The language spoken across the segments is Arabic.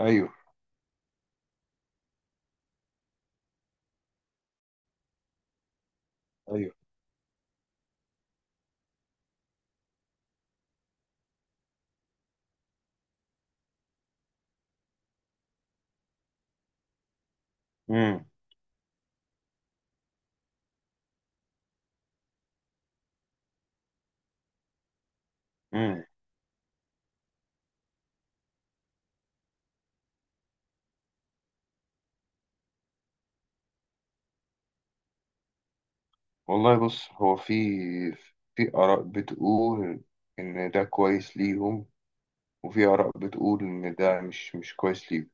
ايوه، ايوه. امم، امم. والله بص، هو في في آراء بتقول إن ده كويس ليهم، وفي آراء بتقول إن ده مش كويس ليهم.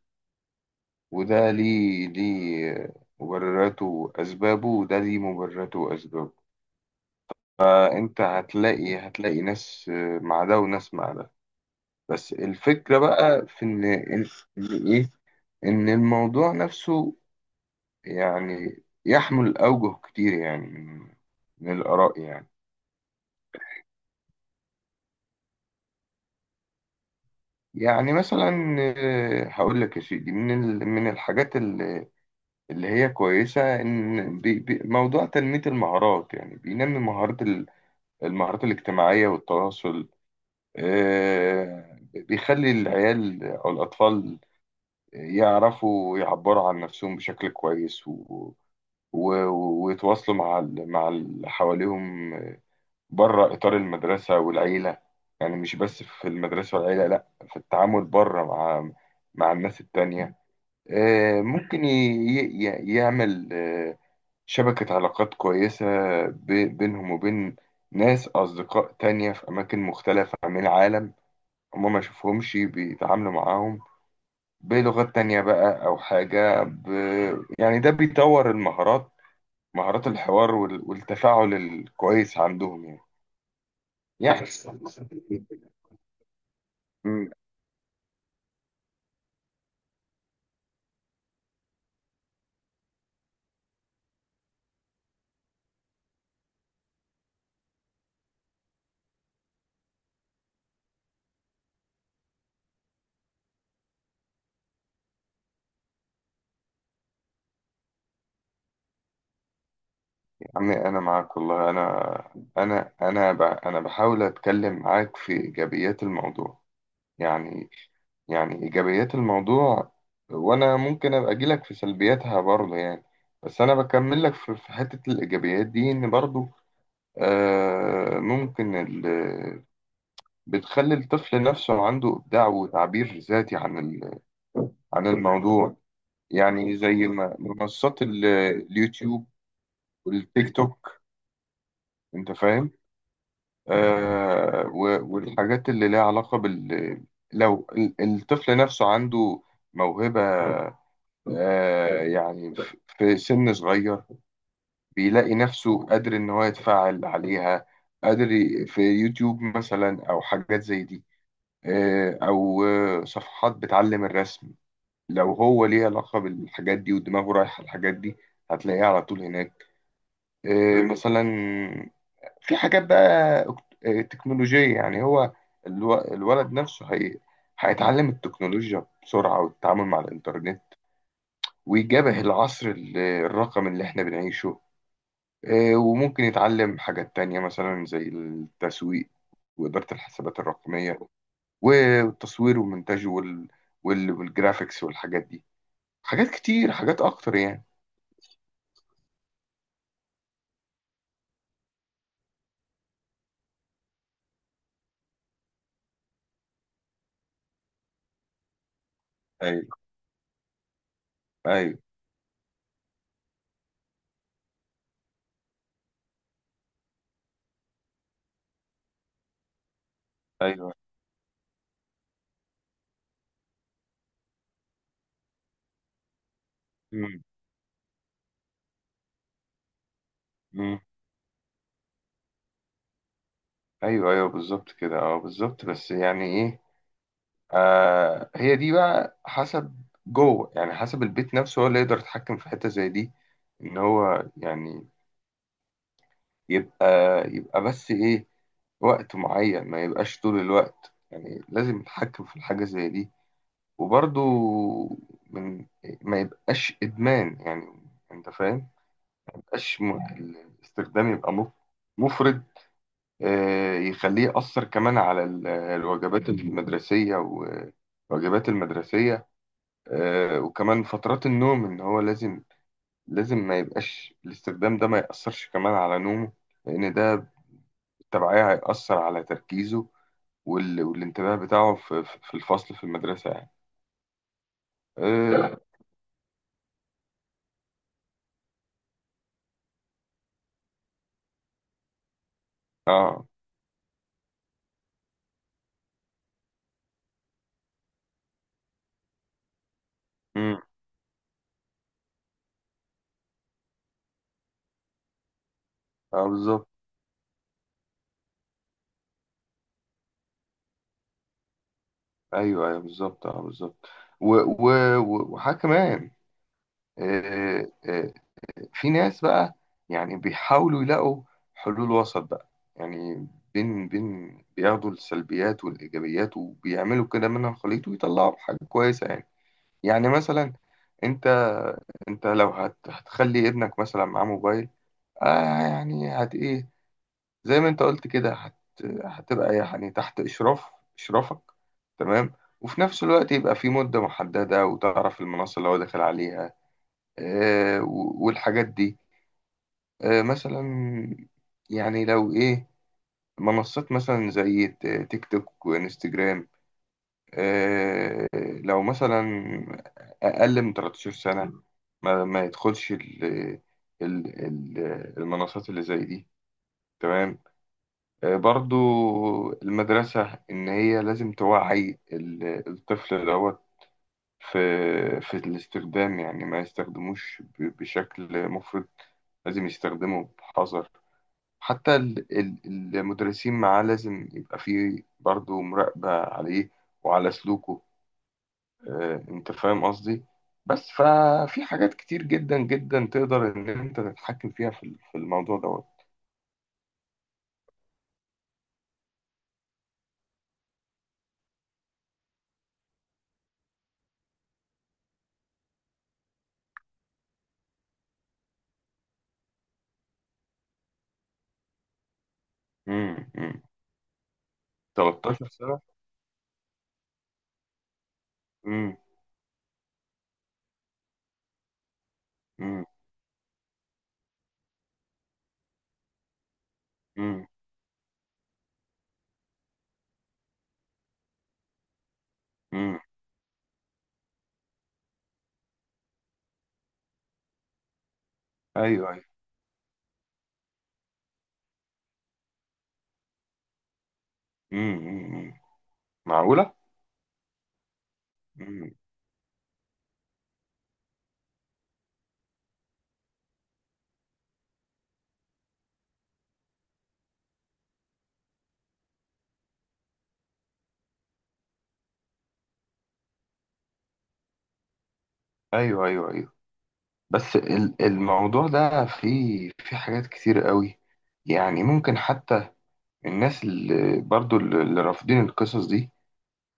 وده ليه، مبرراته وأسبابه، وده ليه مبرراته وأسبابه. فأنت هتلاقي ناس مع ده وناس مع ده. بس الفكرة بقى في إيه إن الموضوع نفسه يعني يحمل أوجه كتير يعني من الآراء يعني. يعني مثلا هقول لك يا سيدي من من الحاجات اللي هي كويسة، إن موضوع تنمية المهارات، يعني بينمي مهارات المهارات الاجتماعية والتواصل. بيخلي العيال أو الأطفال يعرفوا يعبروا عن نفسهم بشكل كويس، و- و- ويتواصلوا مع مع اللي حواليهم بره إطار المدرسة والعيلة. يعني مش بس في المدرسة والعيلة، لأ، في التعامل بره مع الناس التانية. ممكن يعمل شبكة علاقات كويسة ب... بينهم وبين ناس أصدقاء تانية في أماكن مختلفة من العالم، هما ما يشوفهمش، بيتعاملوا معاهم بلغات تانية بقى أو حاجة. يعني ده بيطور المهارات، مهارات الحوار والتفاعل الكويس عندهم يعني. يعني. مم. يا عمي انا معاك والله، انا بحاول اتكلم معاك في ايجابيات الموضوع. يعني، يعني ايجابيات الموضوع. وانا ممكن ابقى اجيلك في سلبياتها برضه يعني، بس انا بكمل لك في حتة الايجابيات دي. ان برضه ممكن بتخلي الطفل نفسه عنده ابداع وتعبير ذاتي عن عن الموضوع. يعني زي ما منصات اليوتيوب والتيك توك، انت فاهم. والحاجات اللي لها علاقة بال، لو الطفل نفسه عنده موهبة، يعني في سن صغير، بيلاقي نفسه قادر إن هو يتفاعل عليها، قادر في يوتيوب مثلا أو حاجات زي دي. أو صفحات بتعلم الرسم، لو هو ليه علاقة بالحاجات دي ودماغه رايحة الحاجات دي، هتلاقيه على طول هناك. مثلا في حاجات بقى تكنولوجية. يعني هو الولد نفسه هي هيتعلم التكنولوجيا بسرعة والتعامل مع الإنترنت، ويجابه العصر الرقمي اللي احنا بنعيشه. وممكن يتعلم حاجات تانية مثلا زي التسويق وإدارة الحسابات الرقمية والتصوير والمونتاج والجرافيكس والحاجات دي، حاجات كتير، حاجات أكتر يعني. أيوه، أيوه، أيوه. مم. مم. أيوه، أيوه، بالظبط كده. أه، بالظبط. بس يعني إيه، هي دي بقى حسب جوه، يعني حسب البيت نفسه، هو اللي يقدر يتحكم في حتة زي دي. ان هو يعني يبقى يبقى بس ايه، وقت معين، ما يبقاش طول الوقت. يعني لازم يتحكم في الحاجة زي دي، وبرضو من، ما يبقاش ادمان يعني. انت فاهم؟ ما يبقاش الاستخدام يبقى مفرط، يخليه يأثر كمان على الوجبات المدرسية والواجبات المدرسية. وكمان فترات النوم، ان هو لازم، لازم ما يبقاش الاستخدام ده، ما يأثرش كمان على نومه، لان ده بالتبعية هيأثر على تركيزه والانتباه بتاعه في في الفصل في المدرسة يعني. اه، اه, مم. آه، بالظبط. ايوه، ايوه، بالظبط. اه، بالظبط. و... و... وحاجة كمان، آه، آه، في ناس بقى يعني بيحاولوا يلاقوا حلول وسط بقى، يعني بين بياخدوا السلبيات والإيجابيات وبيعملوا كده منها الخليط ويطلعوا حاجة كويسة يعني. يعني مثلا، انت انت لو هتخلي ابنك مثلا معاه موبايل، آه يعني هت ايه زي ما انت قلت كده، هتبقى يعني تحت اشرافك، تمام. وفي نفس الوقت يبقى في مدة محددة، وتعرف المنصة اللي هو داخل عليها والحاجات دي. مثلا يعني لو ايه، منصات مثلا زي تيك توك وانستجرام، آه، لو مثلا اقل من 13 سنة، ما يدخلش ال المنصات اللي زي دي، تمام. برضو المدرسة، ان هي لازم توعي الطفل دوت في في الاستخدام، يعني ما يستخدموش بشكل مفرط، لازم يستخدمه بحذر. حتى المدرسين معاه لازم يبقى فيه برضه مراقبة عليه وعلى سلوكه. انت فاهم قصدي؟ بس ففي حاجات كتير جدا جدا تقدر ان انت تتحكم فيها في في الموضوع دوت. امم، امم. 13 سنة. امم امم امم امم. ايوه، ايوه. امم، امم. معقولة. امم. ايوه، ايوه، ايوه. بس الموضوع ده فيه في حاجات كتير قوي. يعني ممكن حتى الناس اللي برضو اللي رافضين القصص دي،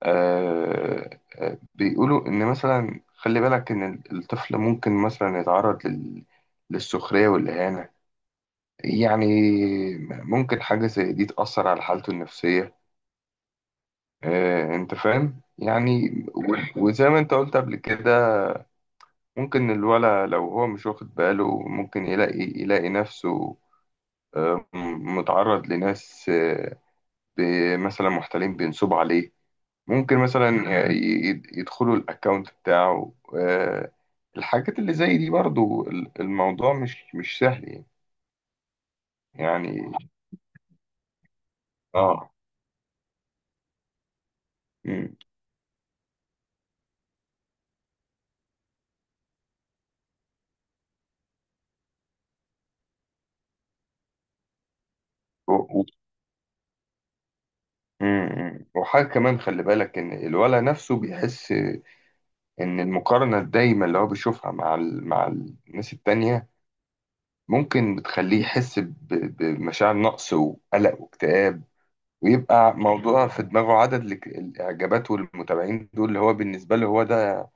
بيقولوا إن مثلا خلي بالك إن الطفل ممكن مثلا يتعرض للسخرية والإهانة. يعني ممكن حاجة زي دي تأثر على حالته النفسية. آه، أنت فاهم؟ يعني وزي ما أنت قلت قبل كده، ممكن الولد لو هو مش واخد باله، ممكن يلاقي نفسه متعرض لناس مثلا محتالين بينصبوا عليه. ممكن مثلا يدخلوا الاكونت بتاعه. الحاجات اللي زي دي برضو، الموضوع مش سهل يعني. يعني اه. مم. و- و- مم. وحاجة كمان، خلي بالك إن الولد نفسه بيحس إن المقارنة الدايمة اللي هو بيشوفها مع مع الناس التانية، ممكن بتخليه يحس بمشاعر نقص وقلق واكتئاب، ويبقى موضوع في دماغه عدد الإعجابات والمتابعين دول، اللي هو بالنسبة له هو ده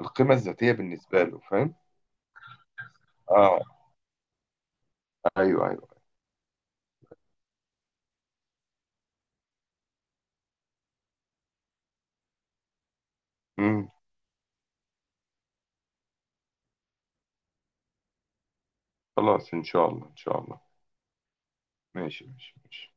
القيمة الذاتية بالنسبة له، فاهم. اه. ايوه، ايوه. امم. خلاص، ان شاء الله، ان شاء الله. ماشي، ماشي، ماشي.